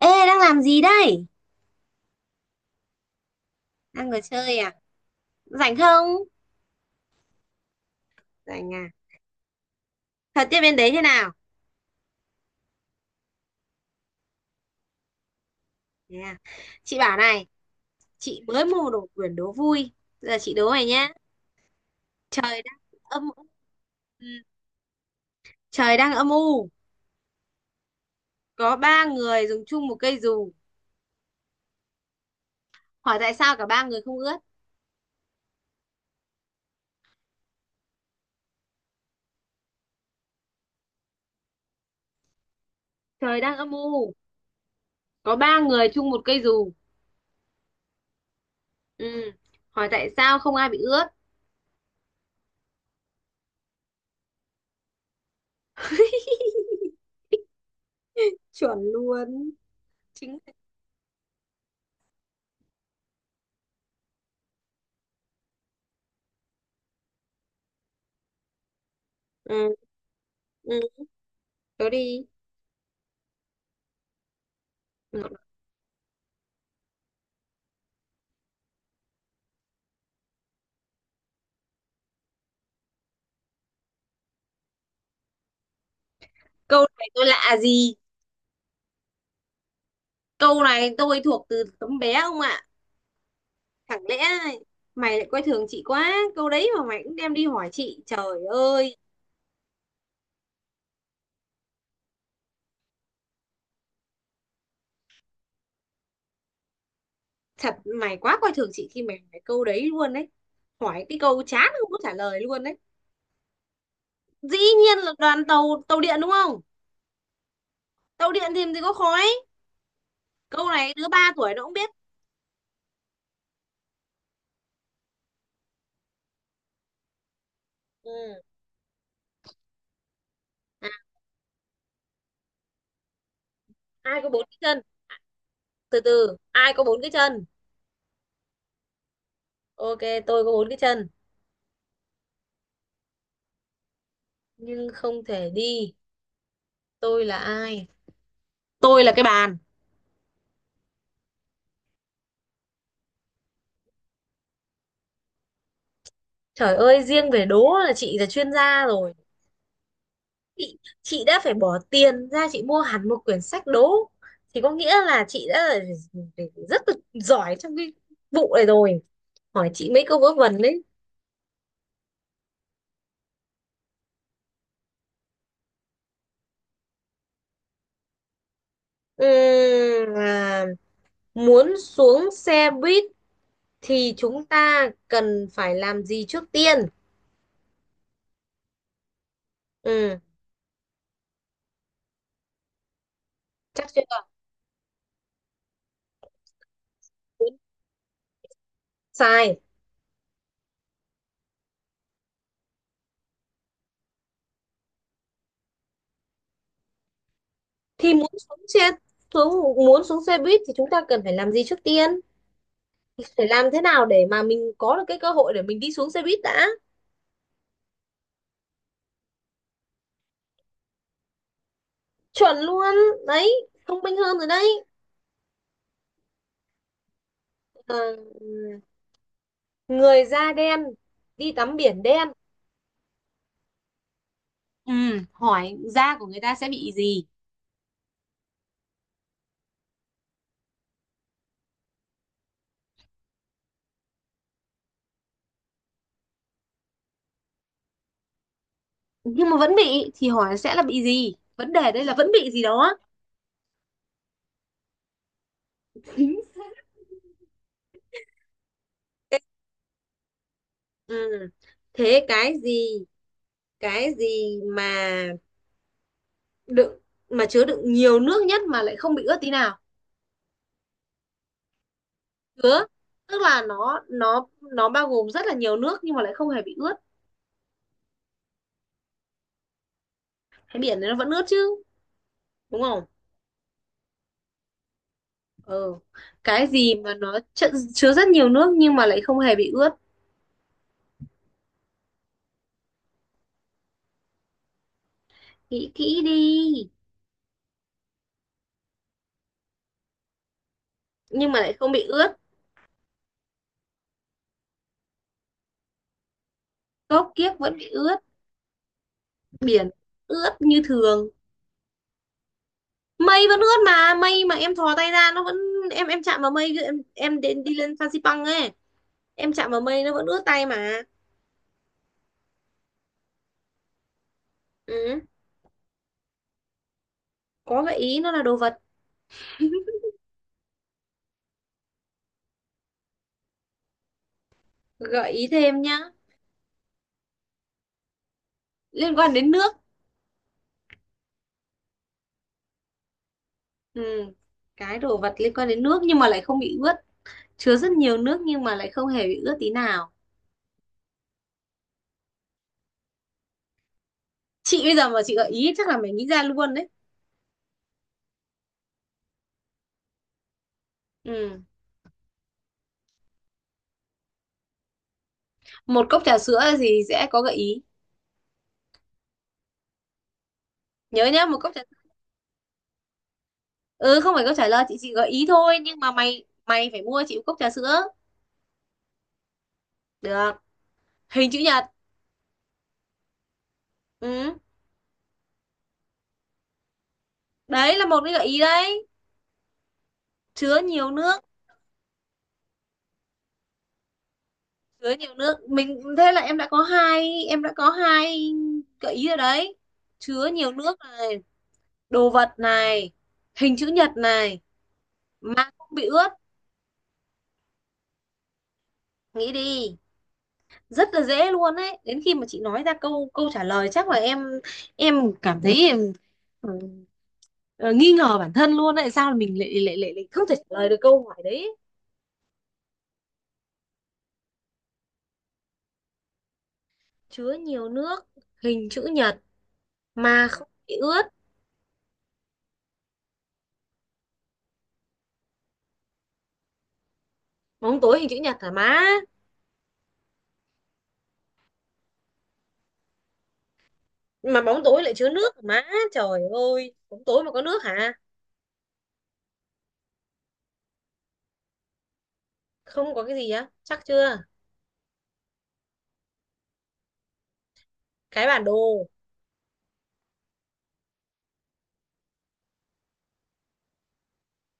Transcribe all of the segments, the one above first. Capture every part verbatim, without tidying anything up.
Ê, đang làm gì đây? Đang ngồi chơi à? Rảnh không? Rảnh à? Thật tiết bên đấy thế nào? Thế à? Chị bảo này, chị mới mua đồ quyển đố vui. Giờ chị đố mày nhá. Trời đang âm u. Ừ, Trời đang âm u. Có ba người dùng chung một cây dù. Hỏi tại sao cả ba người không ướt? Trời đang âm u. Có ba người chung một cây dù. Ừ. Hỏi tại sao không ai bị ướt? Chuẩn luôn. Chính. Ừ. Ừ. Đố đi. Ừ. Câu này tôi lạ gì? Câu này tôi thuộc từ tấm bé không ạ. Chẳng lẽ mày lại coi thường chị quá. Câu đấy mà mày cũng đem đi hỏi chị. Trời ơi, thật mày quá coi thường chị khi mày hỏi câu đấy luôn đấy. Hỏi cái câu chán không có trả lời luôn đấy. Dĩ nhiên là đoàn tàu tàu điện đúng không? Tàu điện thì làm gì có khói. Câu này đứa ba tuổi nó cũng biết. Ừ. À, ai có bốn cái chân? Từ từ, ai có bốn cái chân? Ok, tôi có bốn cái chân nhưng không thể đi. Tôi là ai? Tôi là cái bàn. Trời ơi, riêng về đố là chị là chuyên gia rồi. Chị, chị đã phải bỏ tiền ra chị mua hẳn một quyển sách đố. Thì có nghĩa là chị đã là rất là giỏi trong cái vụ này rồi. Hỏi chị mấy câu vớ vẩn đấy. Ừm, à, muốn xuống xe buýt thì chúng ta cần phải làm gì trước tiên? Ừ, chắc chưa? Muốn Sai. Thì muốn xuống xe xuống muốn xuống xe buýt thì chúng ta cần phải làm gì trước tiên? Phải làm thế nào để mà mình có được cái cơ hội để mình đi xuống xe buýt đã. Chuẩn luôn đấy. Thông minh hơn rồi đấy. Ờ, Người da đen đi tắm biển đen. Ừ, hỏi da của người ta sẽ bị gì? Nhưng mà vẫn bị thì hỏi sẽ là bị gì. Vấn đề đây là vẫn bị gì đó. Chính xác. Ừ. Thế cái gì cái gì mà đựng mà chứa đựng nhiều nước nhất mà lại không bị ướt tí nào. chứa Tức là nó nó nó bao gồm rất là nhiều nước nhưng mà lại không hề bị ướt. Cái biển đấy nó vẫn ướt chứ, đúng không? Ừ. Cái gì mà nó chợ- chứa rất nhiều nước nhưng mà lại không hề bị ướt. Nghĩ kỹ đi. Nhưng mà lại không bị ướt. Cốc kiếc vẫn bị ướt. Biển ướt như thường. Mây vẫn ướt mà. Mây mà em thò tay ra nó vẫn... em em chạm vào mây, em em đến đi lên Phan Xipang ấy. Em chạm vào mây nó vẫn ướt tay mà. Ừ. Có gợi ý nó là đồ vật. Gợi ý thêm nhá. Liên quan đến nước. Ừ. Cái đồ vật liên quan đến nước nhưng mà lại không bị ướt. Chứa rất nhiều nước nhưng mà lại không hề bị ướt tí nào. Chị bây giờ mà chị gợi ý chắc là mày nghĩ ra luôn đấy. Ừ. Một cốc trà sữa thì sẽ có gợi ý. Nhớ nhá, một cốc trà. Ừ, không phải cốc trà lời, chị chỉ gợi ý thôi, nhưng mà mày mày phải mua chị một cốc trà sữa. Được. Hình chữ nhật. Ừ. Đấy là một cái gợi ý đấy. Chứa nhiều nước. Chứa nhiều nước mình. Thế là em đã có hai em đã có hai gợi ý rồi đấy. Chứa nhiều nước này. Đồ vật này. Hình chữ nhật này. Mà không bị ướt. Nghĩ đi. Rất là dễ luôn đấy. Đến khi mà chị nói ra câu câu trả lời chắc là em em cảm thấy em, ừ, ờ, nghi ngờ bản thân luôn đấy. Sao mình lại lại lại, lại không thể trả lời được câu hỏi đấy. Chứa nhiều nước. Hình chữ nhật. Mà không bị ướt. Bóng tối hình chữ nhật hả má? Mà bóng tối lại chứa nước hả má? Trời ơi, bóng tối mà có nước hả? Không có cái gì á, chắc chưa? Cái bản đồ.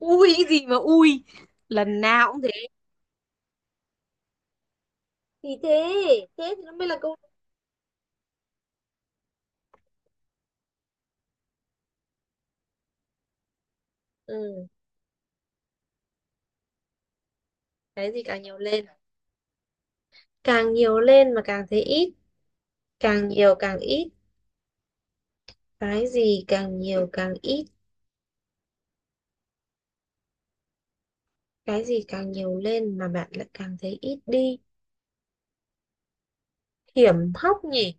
Ui, cái gì mà ui. Lần nào cũng thế. Thì thế, thế thì nó mới là câu. Ừ cái gì càng nhiều lên. Càng nhiều lên mà càng thấy ít. Càng nhiều càng ít. Cái gì càng nhiều càng ít. Cái gì càng nhiều lên mà bạn lại càng thấy ít đi. Hiểm hóc nhỉ.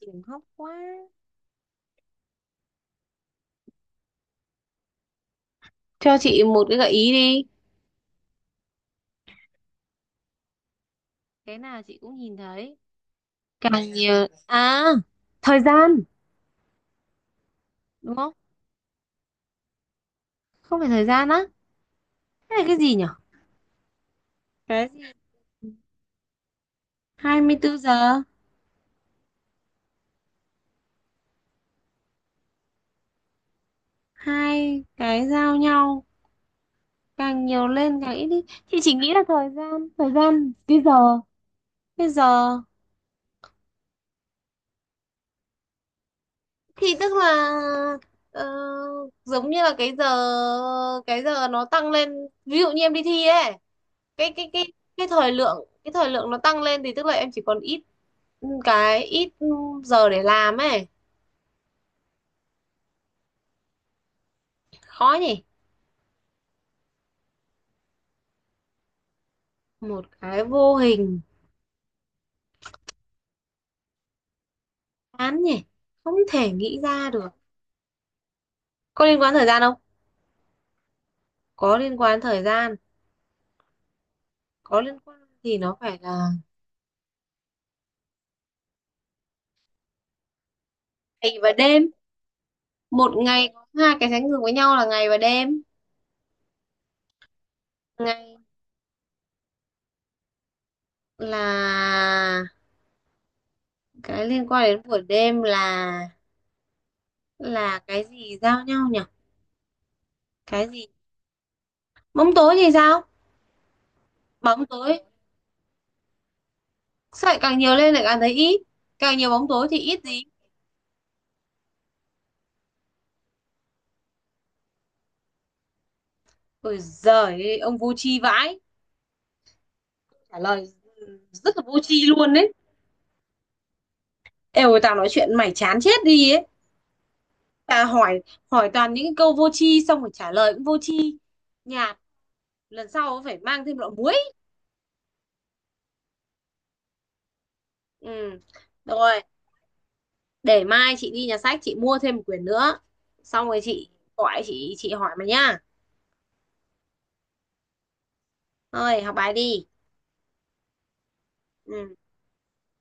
Hiểm hóc quá. Cho chị một cái gợi ý đi. Cái nào chị cũng nhìn thấy. Càng nhiều à. Thời gian. Đúng không? Không phải thời gian á? Cái này cái gì nhỉ? Cái gì. 24 giờ. Hai cái giao nhau. Càng nhiều lên càng ít đi. Chị chỉ nghĩ là thời gian thời gian cái giờ cái giờ. Thì tức là ờ, giống như là cái giờ. Cái giờ nó tăng lên. Ví dụ như em đi thi ấy. Cái cái cái cái thời lượng cái thời lượng nó tăng lên thì tức là em chỉ còn ít. Ừ, cái ít giờ để làm ấy. Khó nhỉ. Một cái vô hình. Án nhỉ. Không thể nghĩ ra được. Có liên quan thời gian không? Có liên quan thời gian. Có liên quan thì nó phải là... Ngày và đêm. Một ngày có hai cái sánh ngược với nhau là ngày và đêm. Ngày. Là cái liên quan đến buổi đêm. là là cái gì giao nhau nhỉ? Cái gì? Bóng tối thì sao? Bóng tối. Sợi càng nhiều lên lại càng thấy ít. Càng nhiều bóng tối thì ít gì. Ôi giời, ông vô tri vãi. Trả lời rất là vô tri luôn đấy. Êu, tao nói chuyện mày chán chết đi ấy. Tao hỏi hỏi toàn những cái câu vô tri xong rồi trả lời cũng vô tri. Nhạt. Lần sau phải mang thêm lọ muối. Ừ. Rồi. Để mai chị đi nhà sách chị mua thêm một quyển nữa. Xong rồi chị gọi chị chị hỏi mày nhá. Thôi học bài đi. Ừ.